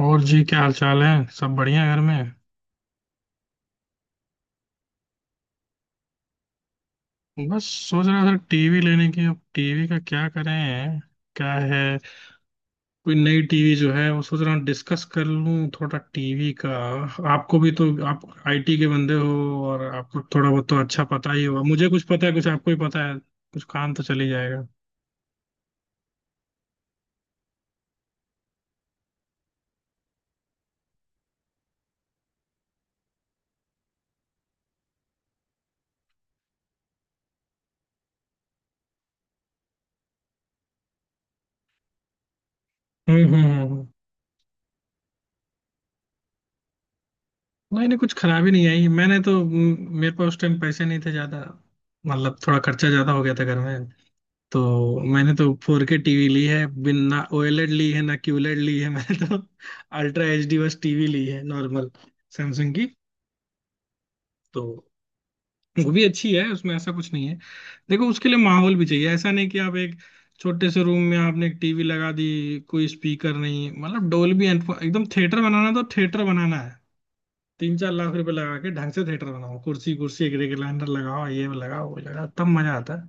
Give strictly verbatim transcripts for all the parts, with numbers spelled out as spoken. और जी, क्या हाल चाल है। सब बढ़िया है घर में। बस सोच रहा था टीवी लेने की। अब टीवी का क्या करें? क्या है? कोई नई टीवी जो है वो सोच रहा हूँ डिस्कस कर लूँ थोड़ा टीवी का। आपको भी तो, आप आईटी के बंदे हो और आपको थोड़ा बहुत तो अच्छा पता ही होगा, मुझे कुछ पता है कुछ आपको ही पता है, कुछ काम तो चल ही जाएगा। हम्म हम्म हम्म। नहीं नहीं, कुछ खराबी नहीं आई। मैंने तो म, मेरे पास उस टाइम पैसे नहीं थे ज्यादा। मतलब थोड़ा खर्चा ज्यादा हो गया था घर में। तो मैंने तो फोर के टीवी ली है, बिन ना ओएलईडी ली है ना क्यूलेड ली है। मैंने तो अल्ट्रा एच डी बस टीवी ली है, नॉर्मल सैमसंग की। तो वो भी अच्छी है, उसमें ऐसा कुछ नहीं है। देखो उसके लिए माहौल भी चाहिए, ऐसा नहीं कि आप एक छोटे से रूम में आपने एक टीवी लगा दी, कोई स्पीकर नहीं, मतलब डोल्बी एटमॉस एकदम। थिएटर बनाना तो थिएटर बनाना है। तीन चार लाख रुपए लगा के ढंग से थिएटर बनाओ, कुर्सी कुर्सी, एक रेगुलेटर लगाओ, ये लगाओ वो लगाओ, तब मजा आता है।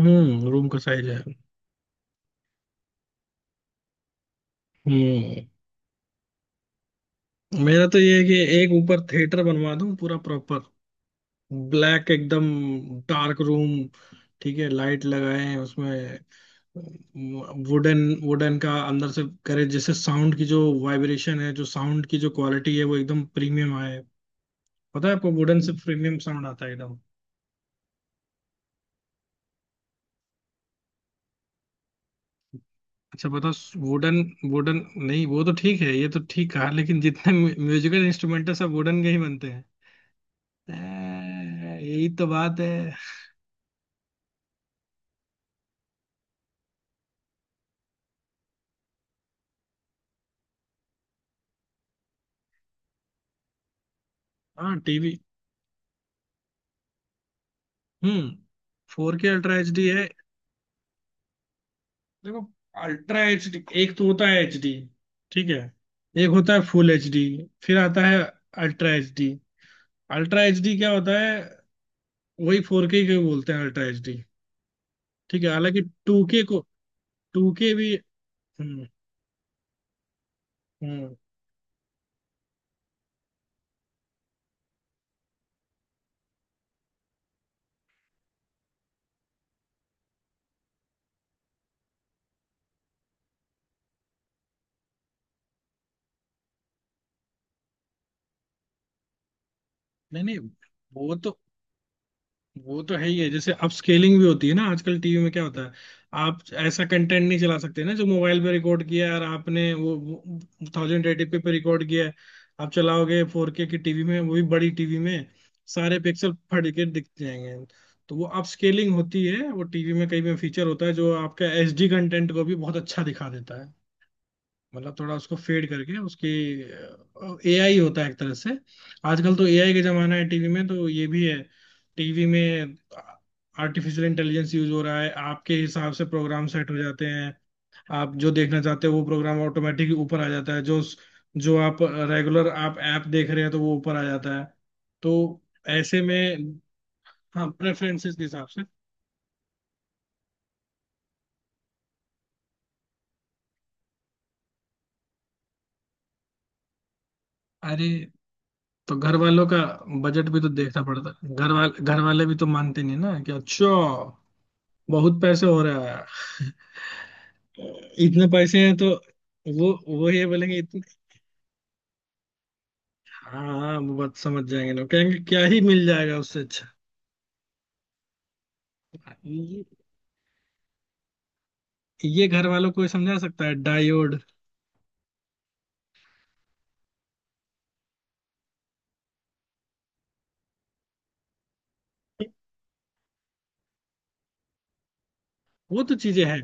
हम्म, रूम का साइज है। हम्म। मेरा तो ये है कि एक ऊपर थिएटर बनवा दूं पूरा प्रॉपर, ब्लैक एकदम डार्क रूम। ठीक है, लाइट लगाए हैं उसमें। वुडन, वुडन का अंदर से करे, जैसे साउंड की जो वाइब्रेशन है, जो साउंड की जो क्वालिटी है वो एकदम प्रीमियम आए। पता है आपको, वुडन से प्रीमियम साउंड आता है एकदम। अच्छा बताओ। वुडन, वुडन, नहीं वो तो ठीक है, ये तो ठीक कहा, लेकिन जितने म्यूजिकल इंस्ट्रूमेंट है सब वुडन के ही बनते हैं। ए, यही तो बात है। हाँ टीवी। हम्म। Four K ultra H D है। देखो, अल्ट्रा एच डी, एक तो होता है एच डी, ठीक है, एक होता है फुल एच डी, फिर आता है ultra H D. Ultra H D क्या होता है? वही फोर के के बोलते हैं अल्ट्रा एच डी। ठीक है, हालांकि टू के को, टू के भी। हम्म हम्म। नहीं नहीं, वो तो वो तो है ही है। जैसे अपस्केलिंग भी होती है ना आजकल टीवी में, क्या होता है, आप ऐसा कंटेंट नहीं चला सकते ना जो मोबाइल पे रिकॉर्ड किया है और आपने वो थाउजेंड एटीपी पे रिकॉर्ड किया है, आप चलाओगे फोर के की टीवी में, वो भी बड़ी टीवी में, सारे पिक्सल फट के दिख जाएंगे। तो वो अपस्केलिंग होती है, वो टीवी में कई में फीचर होता है जो आपका एचडी कंटेंट को भी बहुत अच्छा दिखा देता है, मतलब थोड़ा उसको फेड करके उसकी। एआई होता है एक तरह से, आजकल तो एआई का जमाना है टीवी में, तो ये भी है टीवी में, आर्टिफिशियल इंटेलिजेंस यूज हो रहा है, आपके हिसाब से प्रोग्राम सेट हो जाते हैं, आप जो देखना चाहते हो वो प्रोग्राम ऑटोमेटिक ऊपर आ जाता है, जो जो आप रेगुलर आप ऐप देख रहे हैं तो वो ऊपर आ जाता है। तो ऐसे में, हाँ, प्रेफरेंसेस के हिसाब से। अरे, तो घर वालों का बजट भी तो देखना पड़ता है, घर वाले घर वाले भी तो मानते नहीं ना, कि अच्छा बहुत पैसे हो रहा है। इतने पैसे हैं तो वो वो ये बोलेंगे इतने। हाँ, वो बात समझ जाएंगे, लोग कहेंगे क्या ही मिल जाएगा उससे अच्छा। ये, ये घर वालों को समझा सकता है डायोड। वो तो चीजें हैं।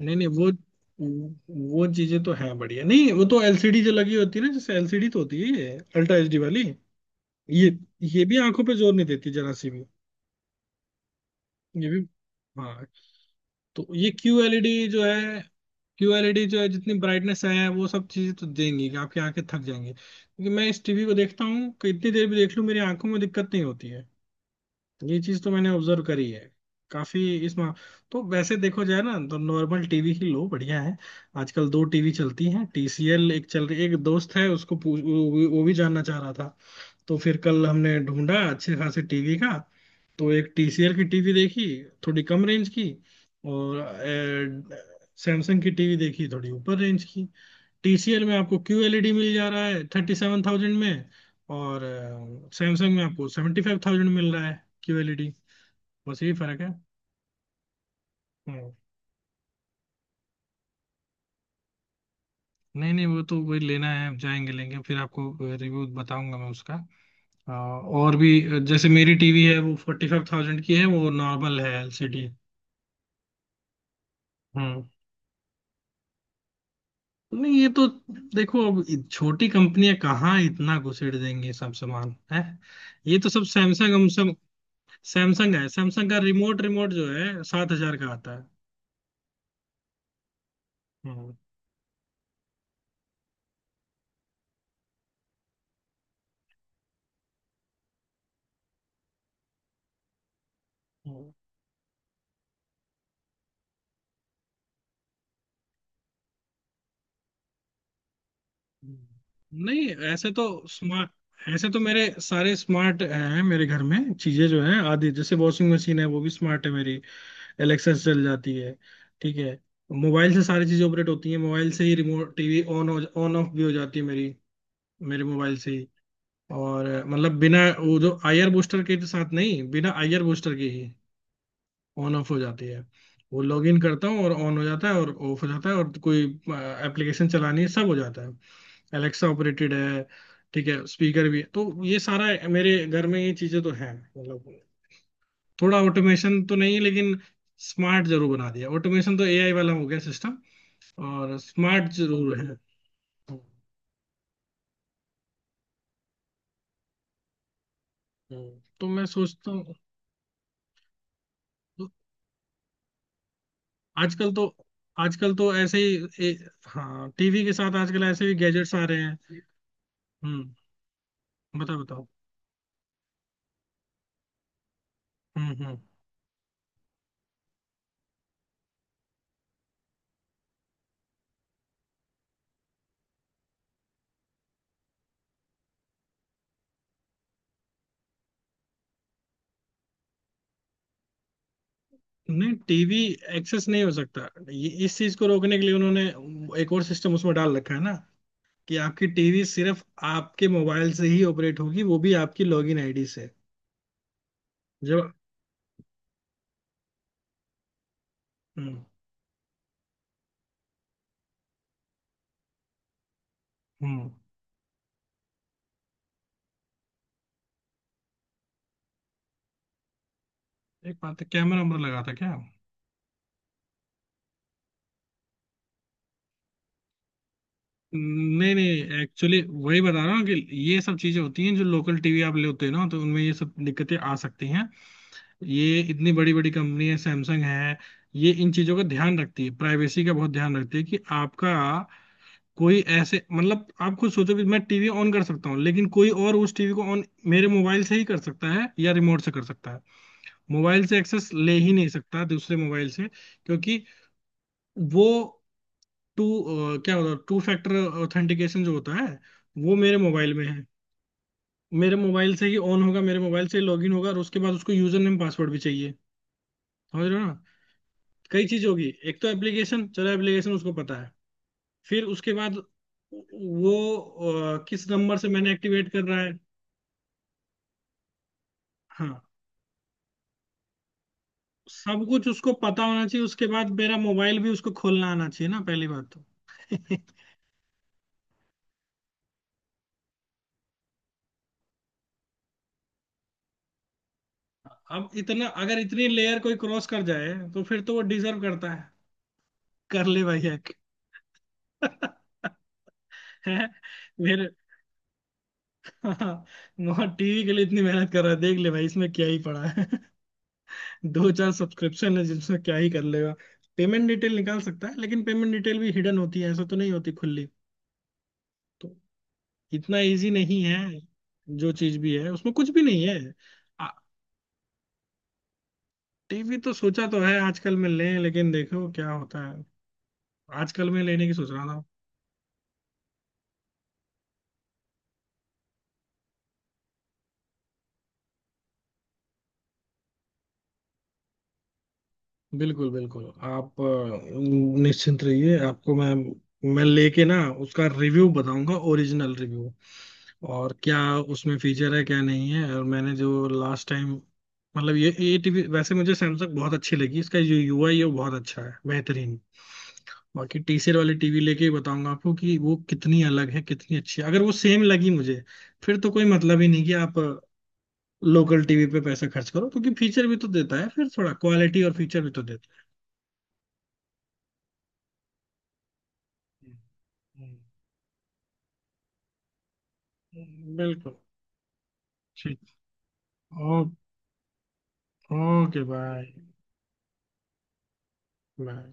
नहीं नहीं, वो वो चीजें तो हैं बढ़िया। नहीं वो तो एलसीडी जो लगी होती है ना, जैसे एलसीडी तो होती है ये अल्ट्रा एचडी वाली। ये ये भी आंखों पे जोर नहीं देती जरा सी भी। ये भी, हाँ। तो ये क्यू एलईडी जो है, क्यूएलईडी जो है, जितनी ब्राइटनेस है, वो सब चीजें तो देंगी कि आपकी आंखें थक जाएंगी। क्योंकि मैं इस टीवी को देखता हूँ कि इतनी देर भी देख लूँ मेरी आंखों में दिक्कत नहीं होती है। ये चीज तो मैंने ऑब्जर्व करी है काफी। इस मा... तो वैसे देखो जाए ना तो नॉर्मल टीवी ही लो बढ़िया है। आजकल दो टीवी चलती हैं, टीसीएल एक चल रही, एक दोस्त है उसको पूछ, वो भी वो भी जानना चाह रहा था। तो फिर कल हमने ढूंढा अच्छे खासे टीवी का। तो एक T C L की टीवी देखी, थोड़ी कम रेंज की, और सैमसंग की टीवी देखी थोड़ी ऊपर रेंज की। T C L में आपको Q L E D मिल जा रहा है थर्टी सेवन थाउजेंड में, और सैमसंग में आपको सेवेंटी फाइव थाउजेंड मिल रहा है Q L E D। बस यही फर्क है। हम्म। नहीं नहीं, वो तो वही लेना है। आप जाएंगे लेंगे फिर आपको रिव्यू बताऊंगा मैं उसका। अ, और भी, जैसे मेरी टीवी है वो फोर्टी फाइव थाउजेंड की है, वो नॉर्मल है एलसीडी। नहीं ये तो देखो, अब इ- छोटी कंपनियां कहाँ इतना घुसेड़ देंगे, सब सामान है ये तो सब। सैमसंग हमसम, सैमसंग है, सैमसंग का रिमोट, रिमोट जो है सात हजार का आता है। हम्म हम्म, हम्म। नहीं ऐसे तो स्मार्ट, ऐसे तो मेरे सारे स्मार्ट हैं मेरे घर में, चीजें जो है आदि, जैसे वॉशिंग मशीन है वो भी स्मार्ट है मेरी, एलेक्सा से चल जाती है। ठीक है, मोबाइल से सारी चीजें ऑपरेट होती हैं, मोबाइल से ही remote, TV on, on off भी हो जाती है मेरी, मेरे मोबाइल से ही। और मतलब बिना वो जो आईआर बूस्टर के तो साथ नहीं, बिना आईआर बूस्टर के ही ऑन ऑफ हो जाती है। वो लॉग इन करता हूँ और ऑन हो जाता है और ऑफ हो जाता है, और कोई एप्लीकेशन चलानी है, सब हो जाता है। एलेक्सा ऑपरेटेड है, ठीक है, स्पीकर भी है, तो ये सारा मेरे घर में ये चीजें तो हैं। मतलब थोड़ा ऑटोमेशन तो नहीं, लेकिन स्मार्ट जरूर बना दिया। ऑटोमेशन तो एआई वाला हो गया सिस्टम, और स्मार्ट जरूर है। हम्म, हम्म। तो मैं सोचता हूँ, आजकल तो, आजकल तो ऐसे ही ए, हाँ टीवी के साथ आजकल ऐसे भी गैजेट्स आ रहे हैं। हम्म, बताओ बताओ। हम्म हम्म। नहीं टीवी एक्सेस नहीं हो सकता, ये इस चीज को रोकने के लिए उन्होंने एक और सिस्टम उसमें डाल रखा है ना, कि आपकी टीवी सिर्फ आपके मोबाइल से ही ऑपरेट होगी, वो भी आपकी लॉगिन आईडी से जब। हम्म हम्म। एक बात है, कैमरा वैमरा लगा था क्या? नहीं नहीं एक्चुअली वही बता रहा हूँ, कि ये सब चीजें होती हैं जो लोकल टीवी आप लेते हैं ना, तो उनमें ये सब दिक्कतें आ सकती हैं। ये इतनी बड़ी बड़ी कंपनी है सैमसंग है, ये इन चीजों का ध्यान रखती है, प्राइवेसी का बहुत ध्यान रखती है, कि आपका कोई ऐसे, मतलब आप खुद सोचो कि मैं टीवी ऑन कर सकता हूँ, लेकिन कोई और उस टीवी को ऑन, मेरे मोबाइल से ही कर सकता है, या रिमोट से कर सकता है। मोबाइल से एक्सेस ले ही नहीं सकता दूसरे मोबाइल से, क्योंकि वो टू, क्या होता है, टू फैक्टर ऑथेंटिकेशन जो होता है, वो मेरे मोबाइल में है, मेरे मोबाइल से ही ऑन होगा, मेरे मोबाइल से ही लॉगिन होगा, और उसके बाद उसको यूजर नेम पासवर्ड भी चाहिए। समझ रहे हो ना। कई चीज होगी, एक तो एप्लीकेशन, चलो एप्लीकेशन उसको पता है, फिर उसके बाद वो अ, किस नंबर से मैंने एक्टिवेट करना है। हाँ, सब कुछ उसको पता होना चाहिए, उसके बाद मेरा मोबाइल भी उसको खोलना आना चाहिए ना पहली बात तो। अब इतना, अगर इतनी लेयर कोई क्रॉस कर जाए तो फिर तो वो डिजर्व करता है, कर ले भाई हैक। है मेरे, हाँ टीवी के लिए इतनी मेहनत कर रहा है, देख ले भाई इसमें क्या ही पड़ा है। दो चार सब्सक्रिप्शन है, जिसमें क्या ही कर लेगा, पेमेंट डिटेल निकाल सकता है, लेकिन पेमेंट डिटेल भी हिडन होती है, ऐसा तो नहीं होती खुली। तो इतना इजी नहीं है, जो चीज भी है उसमें कुछ भी नहीं है। टीवी तो सोचा तो है आजकल में लें, लेकिन देखो क्या होता है, आजकल में लेने की सोच रहा था। बिल्कुल बिल्कुल, आप अ, निश्चिंत रहिए, आपको मैं मैं लेके ना उसका रिव्यू बताऊंगा, ओरिजिनल रिव्यू और क्या, उसमें फीचर है क्या नहीं है, और मैंने जो लास्ट टाइम, मतलब ये ये टीवी वैसे मुझे सैमसंग बहुत अच्छी लगी, इसका जो यूआई है वो बहुत अच्छा है बेहतरीन। बाकी टीसीएल वाली टीवी लेके ही बताऊंगा आपको कि वो कितनी अलग है कितनी अच्छी है, अगर वो सेम लगी मुझे फिर तो कोई मतलब ही नहीं कि आप लोकल टीवी पे पैसा खर्च करो, क्योंकि फीचर भी तो देता है, फिर थोड़ा क्वालिटी और फीचर भी तो देता। हम्म, हम्म, हम्म। है बिल्कुल। ठीक। ओ, ओके बाय। बाय।